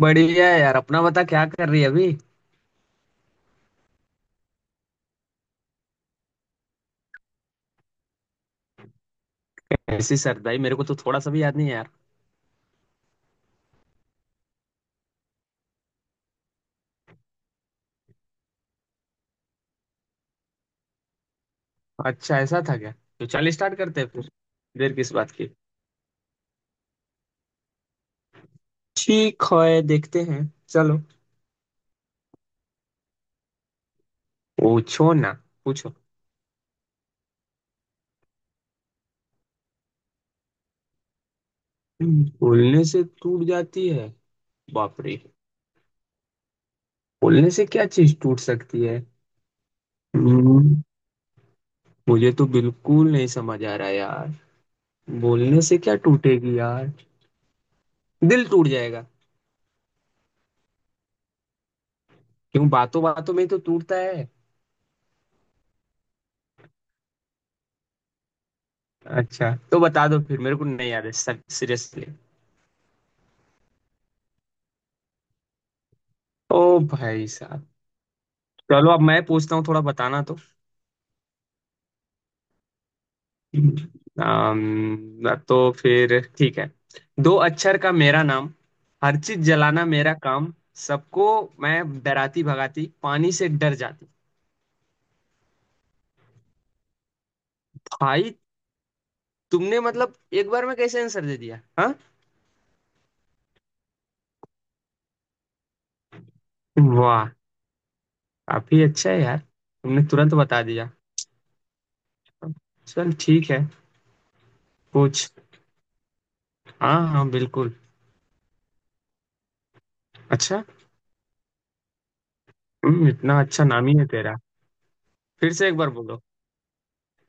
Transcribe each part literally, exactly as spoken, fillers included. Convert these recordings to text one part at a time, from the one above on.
बढ़िया है यार। अपना बता, क्या कर रही है अभी। ऐसी सर भाई, मेरे को तो थोड़ा सा भी याद नहीं है यार। अच्छा, ऐसा था क्या? तो चल स्टार्ट करते हैं फिर। देर किस बात की। ठीक है, देखते हैं। चलो। पूछो ना, पूछो। बोलने से टूट जाती है? बाप रे, बोलने से क्या चीज टूट सकती है? हम्म, मुझे तो बिल्कुल नहीं समझ आ रहा यार। बोलने से क्या टूटेगी यार? दिल टूट जाएगा। क्यों, बातों बातों में ही तो टूटता है। अच्छा, तो बता दो फिर, मेरे को नहीं याद है सर, सीरियसली। ओ भाई साहब। चलो अब मैं पूछता हूँ, थोड़ा बताना तो। अम्म, तो फिर ठीक है। दो अक्षर का मेरा नाम, हर चीज जलाना मेरा काम, सबको मैं डराती भगाती, पानी से डर जाती। भाई, तुमने मतलब एक बार में कैसे आंसर दे दिया हाँ। वाह। काफी अच्छा है यार, तुमने तुरंत बता दिया। चल ठीक है। पूछ। हाँ हाँ बिल्कुल। अच्छा। हम्म, इतना अच्छा नाम ही है तेरा। फिर से एक बार बोलो।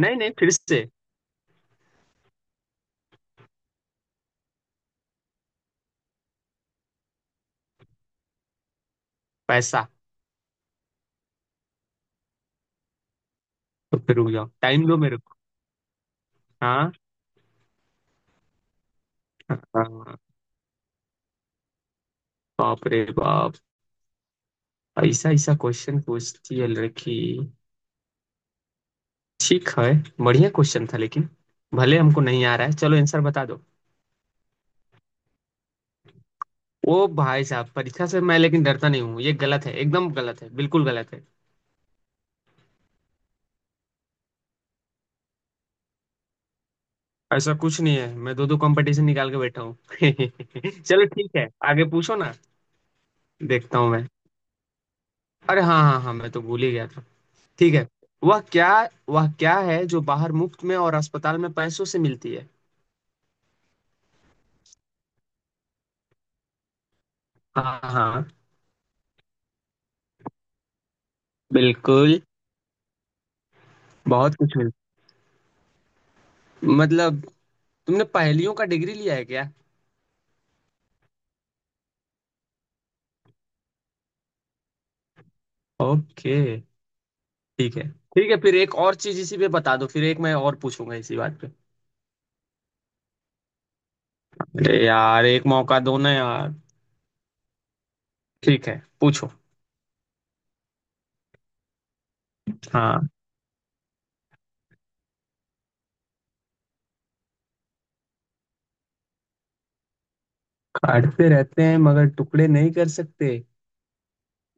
नहीं नहीं, फिर से। पैसा। तो फिर रुक जाओ, टाइम दो मेरे को। हाँ। हाँ। बाप रे बाप, ऐसा ऐसा क्वेश्चन पूछती है लड़की। ठीक है, बढ़िया क्वेश्चन था लेकिन भले हमको नहीं आ रहा है, चलो आंसर बता दो। ओ भाई साहब, परीक्षा से मैं लेकिन डरता नहीं हूँ, ये गलत है, एकदम गलत है, बिल्कुल गलत है। ऐसा कुछ नहीं है, मैं दो दो कंपटीशन निकाल के बैठा हूँ। चलो ठीक है, आगे पूछो ना। देखता हूँ मैं। अरे हाँ हाँ हाँ, मैं तो भूल ही गया था। ठीक है। वह क्या। वह क्या है जो बाहर मुफ्त में और अस्पताल में पैसों से मिलती है। हाँ हाँ बिल्कुल। बहुत कुछ मिल, मतलब, तुमने पहेलियों का डिग्री लिया है क्या? ओके। ठीक है ठीक है, फिर एक और चीज इसी पे बता दो, फिर एक मैं और पूछूंगा इसी बात पे। अरे यार एक मौका दो ना यार। ठीक है, पूछो। हाँ। काटते रहते हैं मगर टुकड़े नहीं कर सकते?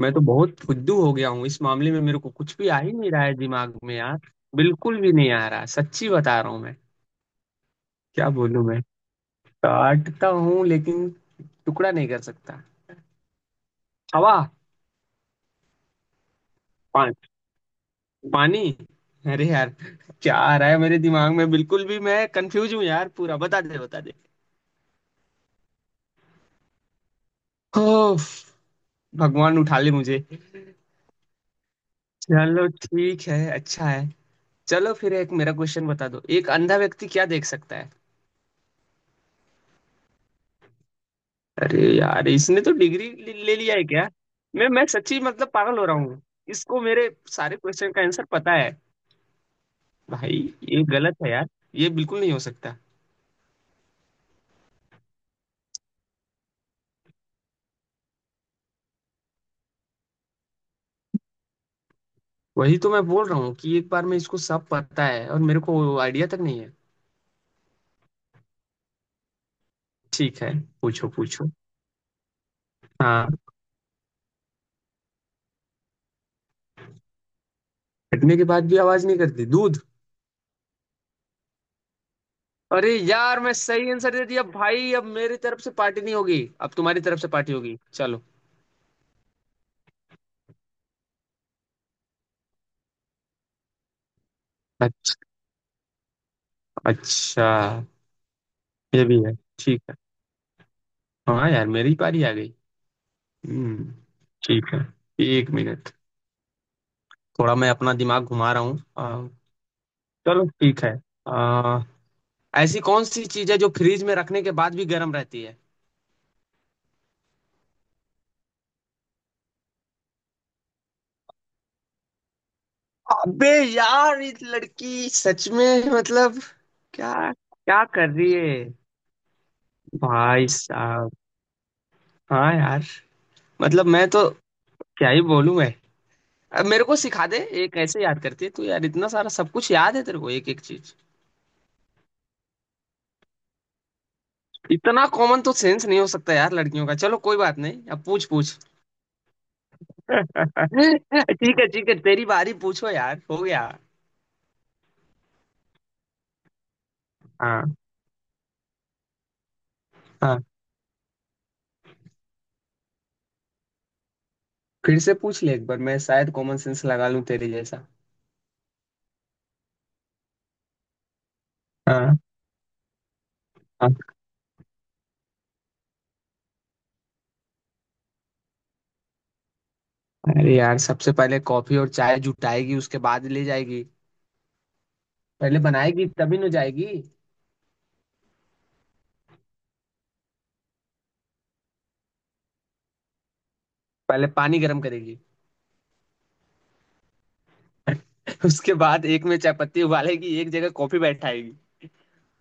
मैं तो बहुत फुद्दू हो गया हूँ इस मामले में, मेरे को कुछ भी आ ही नहीं रहा है दिमाग में यार। बिल्कुल भी नहीं आ रहा, सच्ची बता रहा हूँ मैं। क्या बोलूं मैं? काटता हूँ लेकिन टुकड़ा नहीं कर सकता। हवा। पानी। अरे यार, क्या आ रहा है मेरे दिमाग में, बिल्कुल भी, मैं कंफ्यूज हूँ यार पूरा, बता दे बता दे। ओफ, भगवान उठा ले मुझे। चलो ठीक है, अच्छा है। चलो फिर एक मेरा क्वेश्चन बता दो, एक अंधा व्यक्ति क्या देख सकता है? अरे यार इसने तो डिग्री ले ले लिया है क्या? मैं मैं सच्ची मतलब पागल हो रहा हूँ, इसको मेरे सारे क्वेश्चन का आंसर पता है। भाई, ये गलत है यार, ये बिल्कुल नहीं हो सकता। वही तो मैं बोल रहा हूँ कि एक बार, मैं इसको सब पता है और मेरे को आइडिया तक नहीं है। ठीक है, पूछो पूछो। हाँ। फटने के बाद भी आवाज नहीं करती, दूध। अरे यार मैं सही आंसर दे दिया भाई, अब मेरी तरफ से पार्टी नहीं होगी, अब तुम्हारी तरफ से पार्टी होगी, चलो। अच्छा। अच्छा। ये भी है। ठीक है। हाँ यार मेरी पारी आ गई। हम्म। ठीक है। एक मिनट, थोड़ा मैं अपना दिमाग घुमा रहा हूँ। आ, चलो ठीक है। आ, ऐसी कौन सी चीज है जो फ्रीज में रखने के बाद भी गर्म रहती है? अबे यार, इस लड़की सच में मतलब, क्या क्या कर रही है। भाई साहब। हाँ यार, मतलब मैं तो क्या ही बोलूं मैं। अब मेरे को सिखा दे ये कैसे याद करती है तू यार, इतना सारा सब कुछ याद है तेरे को एक एक चीज। इतना कॉमन तो सेंस नहीं हो सकता यार लड़कियों का। चलो कोई बात नहीं, अब पूछ पूछ। ठीक है ठीक है, तेरी बारी, पूछो यार, हो गया। हाँ। हाँ, फिर से पूछ ले एक बार, मैं शायद कॉमन सेंस लगा लूं तेरे जैसा। हाँ। अरे यार सबसे पहले कॉफी और चाय जुटाएगी, उसके बाद ले जाएगी। पहले बनाएगी तभी न जाएगी। पहले पानी गर्म करेगी। उसके बाद एक में चाय पत्ती उबालेगी, एक जगह कॉफी बैठाएगी,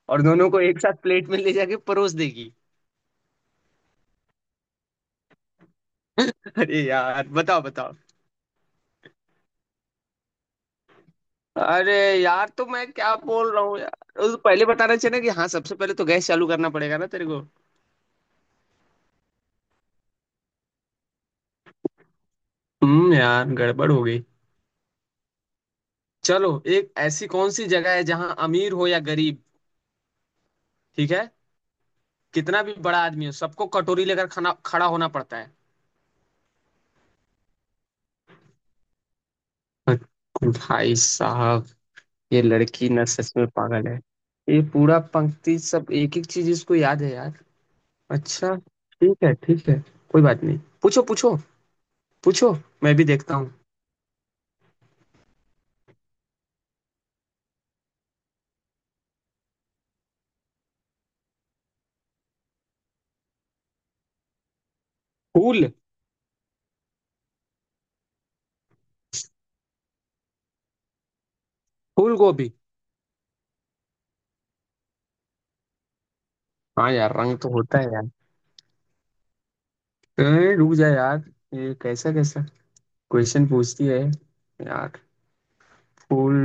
और दोनों को एक साथ प्लेट में ले जाके परोस देगी। अरे यार बताओ बताओ। अरे यार तो मैं क्या बोल रहा हूँ यार, उस पहले बताना चाहिए ना कि हाँ सबसे पहले तो गैस चालू करना पड़ेगा ना तेरे को। हम्म यार गड़बड़ हो गई। चलो। एक ऐसी कौन सी जगह है जहाँ अमीर हो या गरीब, ठीक है, कितना भी बड़ा आदमी हो, सबको कटोरी लेकर खाना खड़ा होना पड़ता है? भाई साहब, ये लड़की ना सच में पागल है, ये पूरा पंक्ति सब एक एक चीज इसको याद है यार। अच्छा, ठीक है ठीक है, कोई बात नहीं। पूछो पूछो पूछो। मैं भी देखता हूँ। फूल? फूल गोभी। हाँ यार रंग तो होता है यार। ए, रुक जा यार, ये कैसा कैसा क्वेश्चन पूछती है यार। फूल,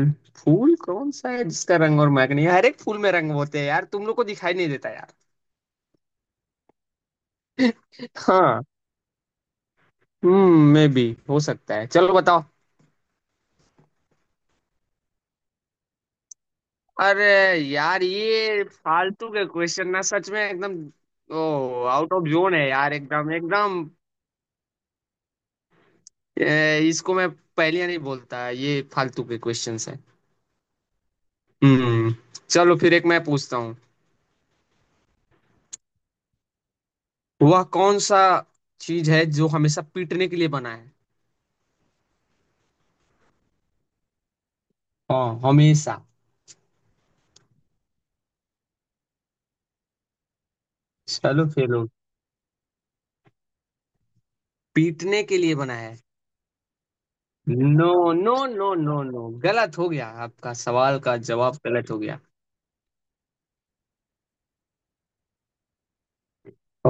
फूल कौन सा है जिसका रंग और महक नहीं है? हर एक फूल में रंग होते हैं यार, तुम लोग को दिखाई नहीं देता यार। हाँ। हम्म मे भी हो सकता है, चलो बताओ। अरे यार ये फालतू के क्वेश्चन ना सच में एकदम ओ आउट ऑफ जोन है यार, एकदम एकदम। ए, इसको मैं पहेलियां नहीं बोलता, ये फालतू के क्वेश्चंस हैं। हम्म। चलो फिर एक मैं पूछता हूँ। वह कौन सा चीज है जो हमेशा पीटने के लिए बना है? हाँ हमेशा। चलो फिर, पीटने के लिए बना है। No, no no no no, गलत हो गया आपका, सवाल का जवाब गलत हो गया।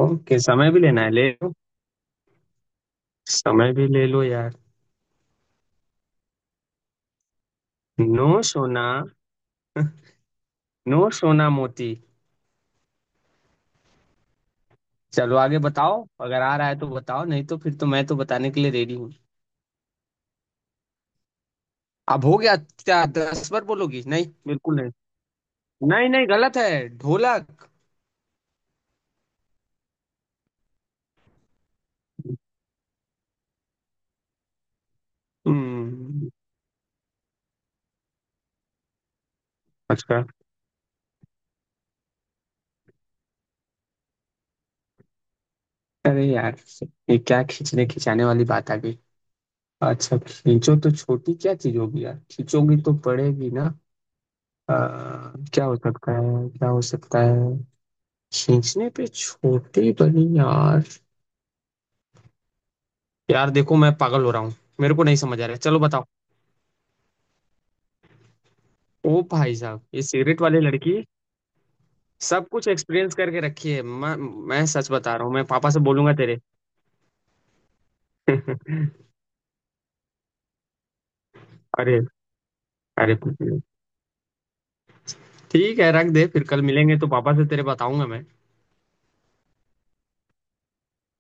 ओके, समय भी लेना है ले लो। समय भी ले लो यार। नो सोना। नो सोना मोती। चलो आगे बताओ, अगर आ रहा है तो बताओ, नहीं तो फिर तो मैं तो बताने के लिए रेडी हूँ। अब हो गया, क्या दस बार बोलोगी? नहीं, बिल्कुल नहीं। नहीं नहीं, गलत है, ढोलक। हम्म। अच्छा। अरे यार, ये क्या खींचने खिंचाने वाली बात आ गई। अच्छा खींचो तो छोटी क्या चीज होगी यार, खींचोगी तो पड़ेगी ना। आ, क्या हो सकता है क्या हो सकता है, खींचने पे छोटी बनी यार। यार देखो मैं पागल हो रहा हूँ, मेरे को नहीं समझ आ रहा है, चलो बताओ। ओ भाई साहब, ये सिगरेट वाली लड़की सब कुछ एक्सपीरियंस करके रखी है। मैं मैं सच बता रहा हूँ, मैं पापा से बोलूंगा तेरे। अरे। अरे ठीक है रख दे, फिर कल मिलेंगे तो पापा से तेरे बताऊंगा मैं।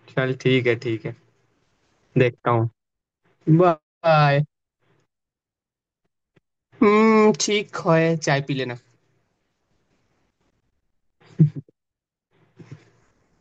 चल ठीक है ठीक है। देखता हूँ। बाय। हम्म ठीक है, चाय पी लेना।